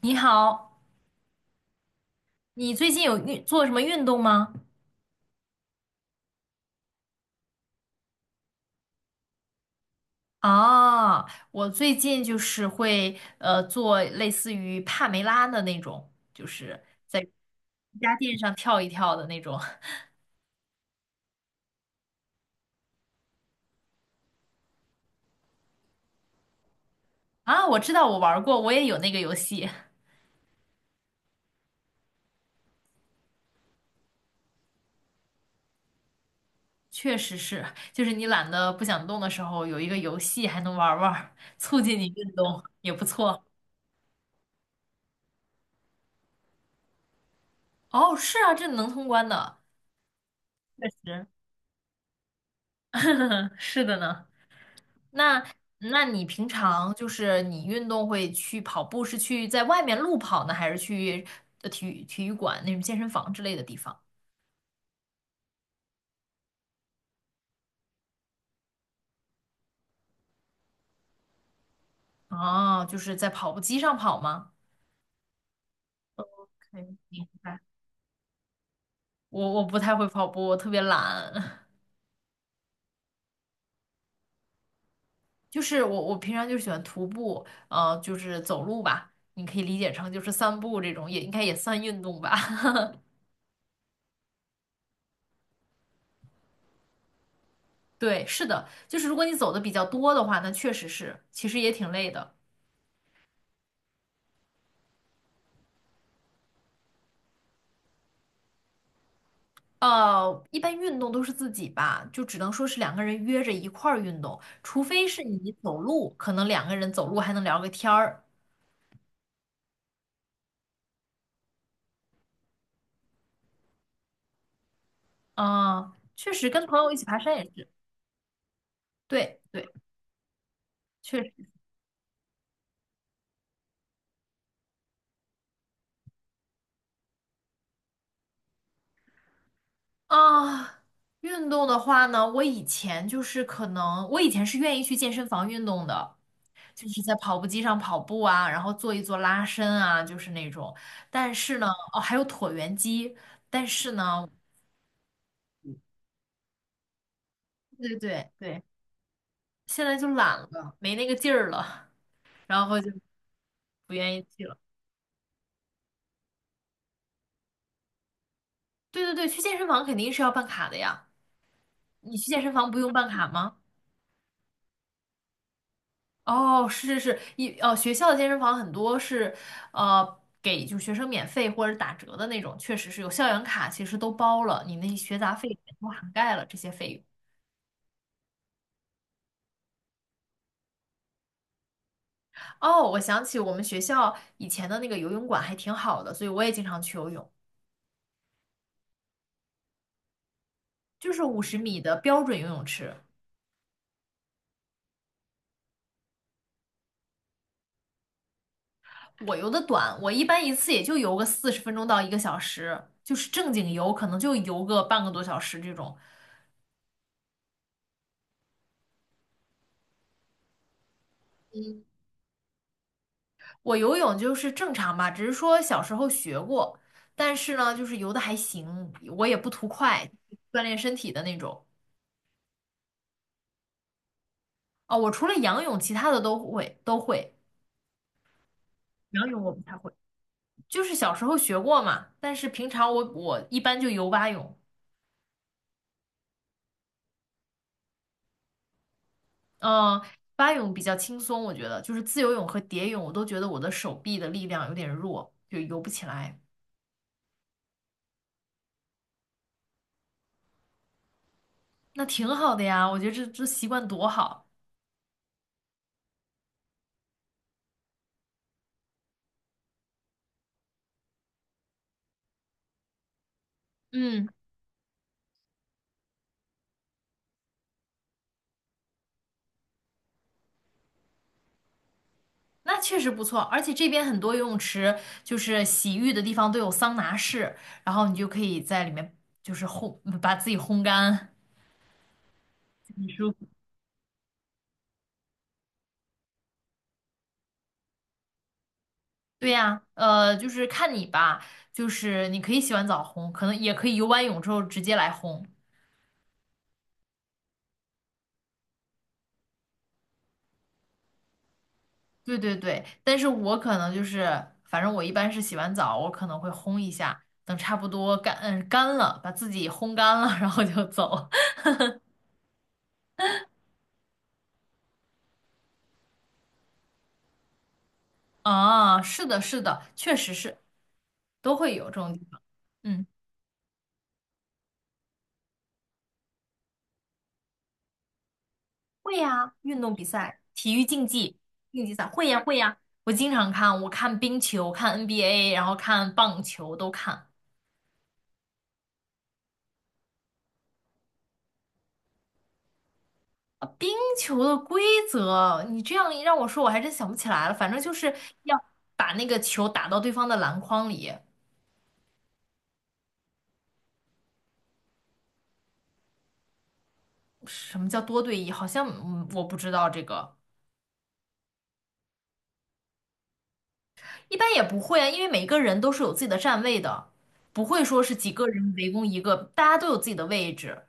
你好，你最近有做什么运动吗？啊，我最近就是会做类似于帕梅拉的那种，就是瑜伽垫上跳一跳的那种。啊，我知道我玩儿过，我也有那个游戏，确实是，就是你懒得不想动的时候，有一个游戏还能玩儿玩儿，促进你运动也不错。哦，是啊，这能通关的，确实，是的呢。那那你平常就是你运动会去跑步，是去在外面路跑呢，还是去体育馆那种健身房之类的地方？哦，就是在跑步机上跑吗？可以，明白。我不太会跑步，我特别懒。就是我平常就喜欢徒步，就是走路吧，你可以理解成就是散步这种，也应该也算运动吧。对，是的，就是如果你走的比较多的话，那确实是，其实也挺累的。一般运动都是自己吧，就只能说是两个人约着一块儿运动，除非是你走路，可能两个人走路还能聊个天儿。啊、确实跟朋友一起爬山也是，对对，确实啊。运动的话呢，我以前就是可能，我以前是愿意去健身房运动的，就是在跑步机上跑步啊，然后做一做拉伸啊，就是那种。但是呢，哦，还有椭圆机，但是呢，对对对，现在就懒了，没那个劲儿了。然后就不愿意去了。对对对，去健身房肯定是要办卡的呀。你去健身房不用办卡吗？哦，是是是，哦，学校的健身房很多是，给就学生免费或者打折的那种，确实是有校园卡，其实都包了，你那些学杂费也都涵盖了这些费用。哦，我想起我们学校以前的那个游泳馆还挺好的，所以我也经常去游泳，就是50米的标准游泳池。我游的短，我一般一次也就游个40分钟到一个小时，就是正经游可能就游个半个多小时这种。我游泳就是正常吧，只是说小时候学过，但是呢，就是游的还行，我也不图快，锻炼身体的那种。哦，我除了仰泳，其他的都会，仰泳我不太会，就是小时候学过嘛，但是平常我一般就游蛙泳。嗯，蛙泳比较轻松，我觉得就是自由泳和蝶泳，我都觉得我的手臂的力量有点弱，就游不起来。那挺好的呀，我觉得这习惯多好。嗯，那确实不错，而且这边很多游泳池就是洗浴的地方都有桑拿室，然后你就可以在里面就是烘，把自己烘干。舒服对呀，就是看你吧，就是你可以洗完澡烘，可能也可以游完泳之后直接来烘。对对对，但是我可能就是，反正我一般是洗完澡，我可能会烘一下，等差不多干，干了，把自己烘干了，然后就走。啊，是的，是的，确实是，都会有这种地方。嗯，会呀，运动比赛、体育竞技、竞技赛，会呀，会呀，我经常看，我看冰球，看 NBA，然后看棒球都看。冰球的规则，你这样一让我说，我还真想不起来了。反正就是要把那个球打到对方的篮筐里。什么叫多对一？好像我不知道这个，一般也不会啊，因为每个人都是有自己的站位的，不会说是几个人围攻一个，大家都有自己的位置。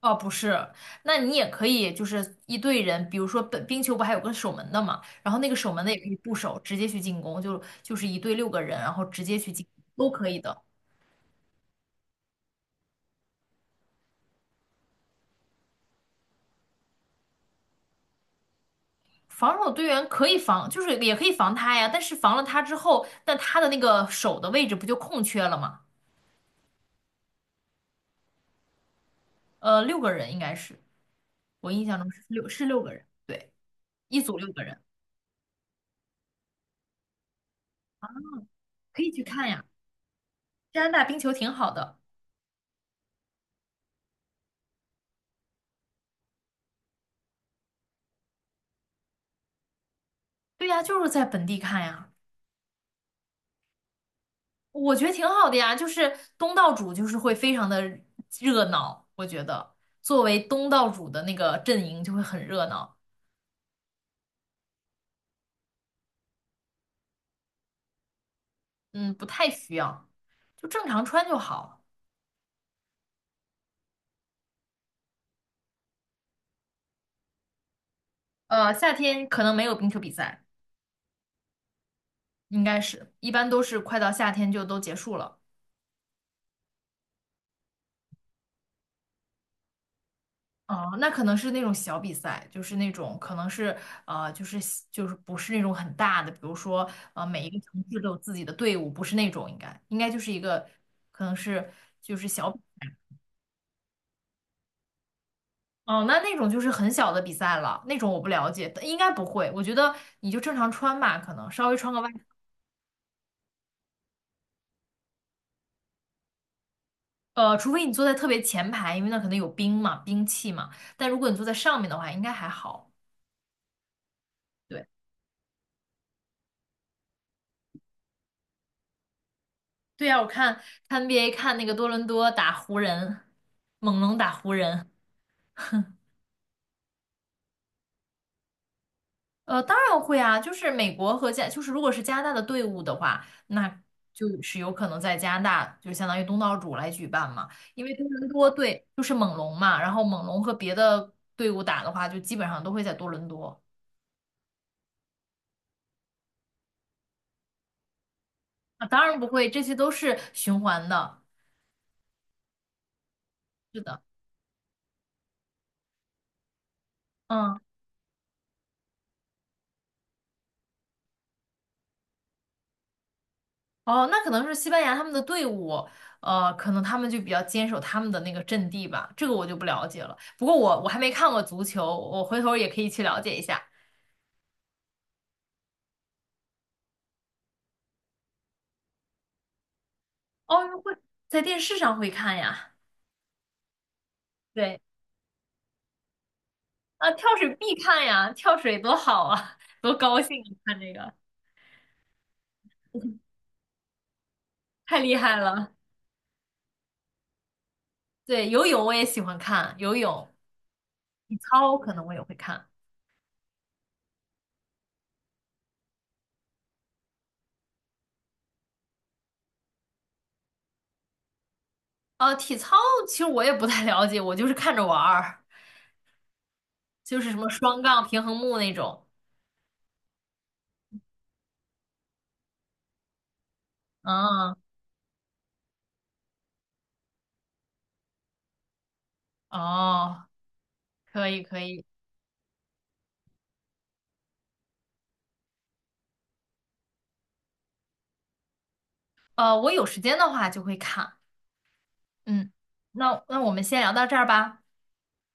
哦，不是，那你也可以就是一队人，比如说本冰球不还有个守门的嘛，然后那个守门的也可以不守，直接去进攻，就是一队六个人，然后直接去进攻都可以的。防守队员可以防，就是也可以防他呀，但是防了他之后，那他的那个手的位置不就空缺了吗？六个人应该是，我印象中是六个人，对，一组六个人，可以去看呀。加拿大冰球挺好的，对呀，就是在本地看呀，我觉得挺好的呀。就是东道主就是会非常的热闹，我觉得作为东道主的那个阵营就会很热闹，嗯，不太需要，就正常穿就好。夏天可能没有冰球比赛。应该是，一般都是快到夏天就都结束了。哦，那可能是那种小比赛，就是那种可能是就是就是不是那种很大的，比如说每一个城市都有自己的队伍，不是那种应该就是一个可能是就是小比哦，那种就是很小的比赛了，那种我不了解，应该不会。我觉得你就正常穿吧，可能稍微穿个外，除非你坐在特别前排，因为那可能有兵嘛，兵器嘛。但如果你坐在上面的话，应该还好，对。对呀，我看 NBA 看那个多伦多打湖人，猛龙打湖人。当然会啊，就是美国和加，就是如果是加拿大的队伍的话，那就是有可能在加拿大，就相当于东道主来举办嘛。因为多伦多队就是猛龙嘛，然后猛龙和别的队伍打的话，就基本上都会在多伦多。啊，当然不会，这些都是循环的。是的，嗯。哦，那可能是西班牙他们的队伍，可能他们就比较坚守他们的那个阵地吧，这个我就不了解了。不过我还没看过足球，我回头也可以去了解一下。奥运会在电视上会看呀，对，啊，跳水必看呀，跳水多好啊，多高兴啊看这个，太厉害了。对，游泳我也喜欢看，游泳、体操可能我也会看。体操其实我也不太了解，我就是看着玩儿，就是什么双杠、平衡木那种。嗯。哦，可以可以，我有时间的话就会看，嗯，那我们先聊到这儿吧，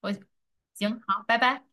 我，行，好，拜拜。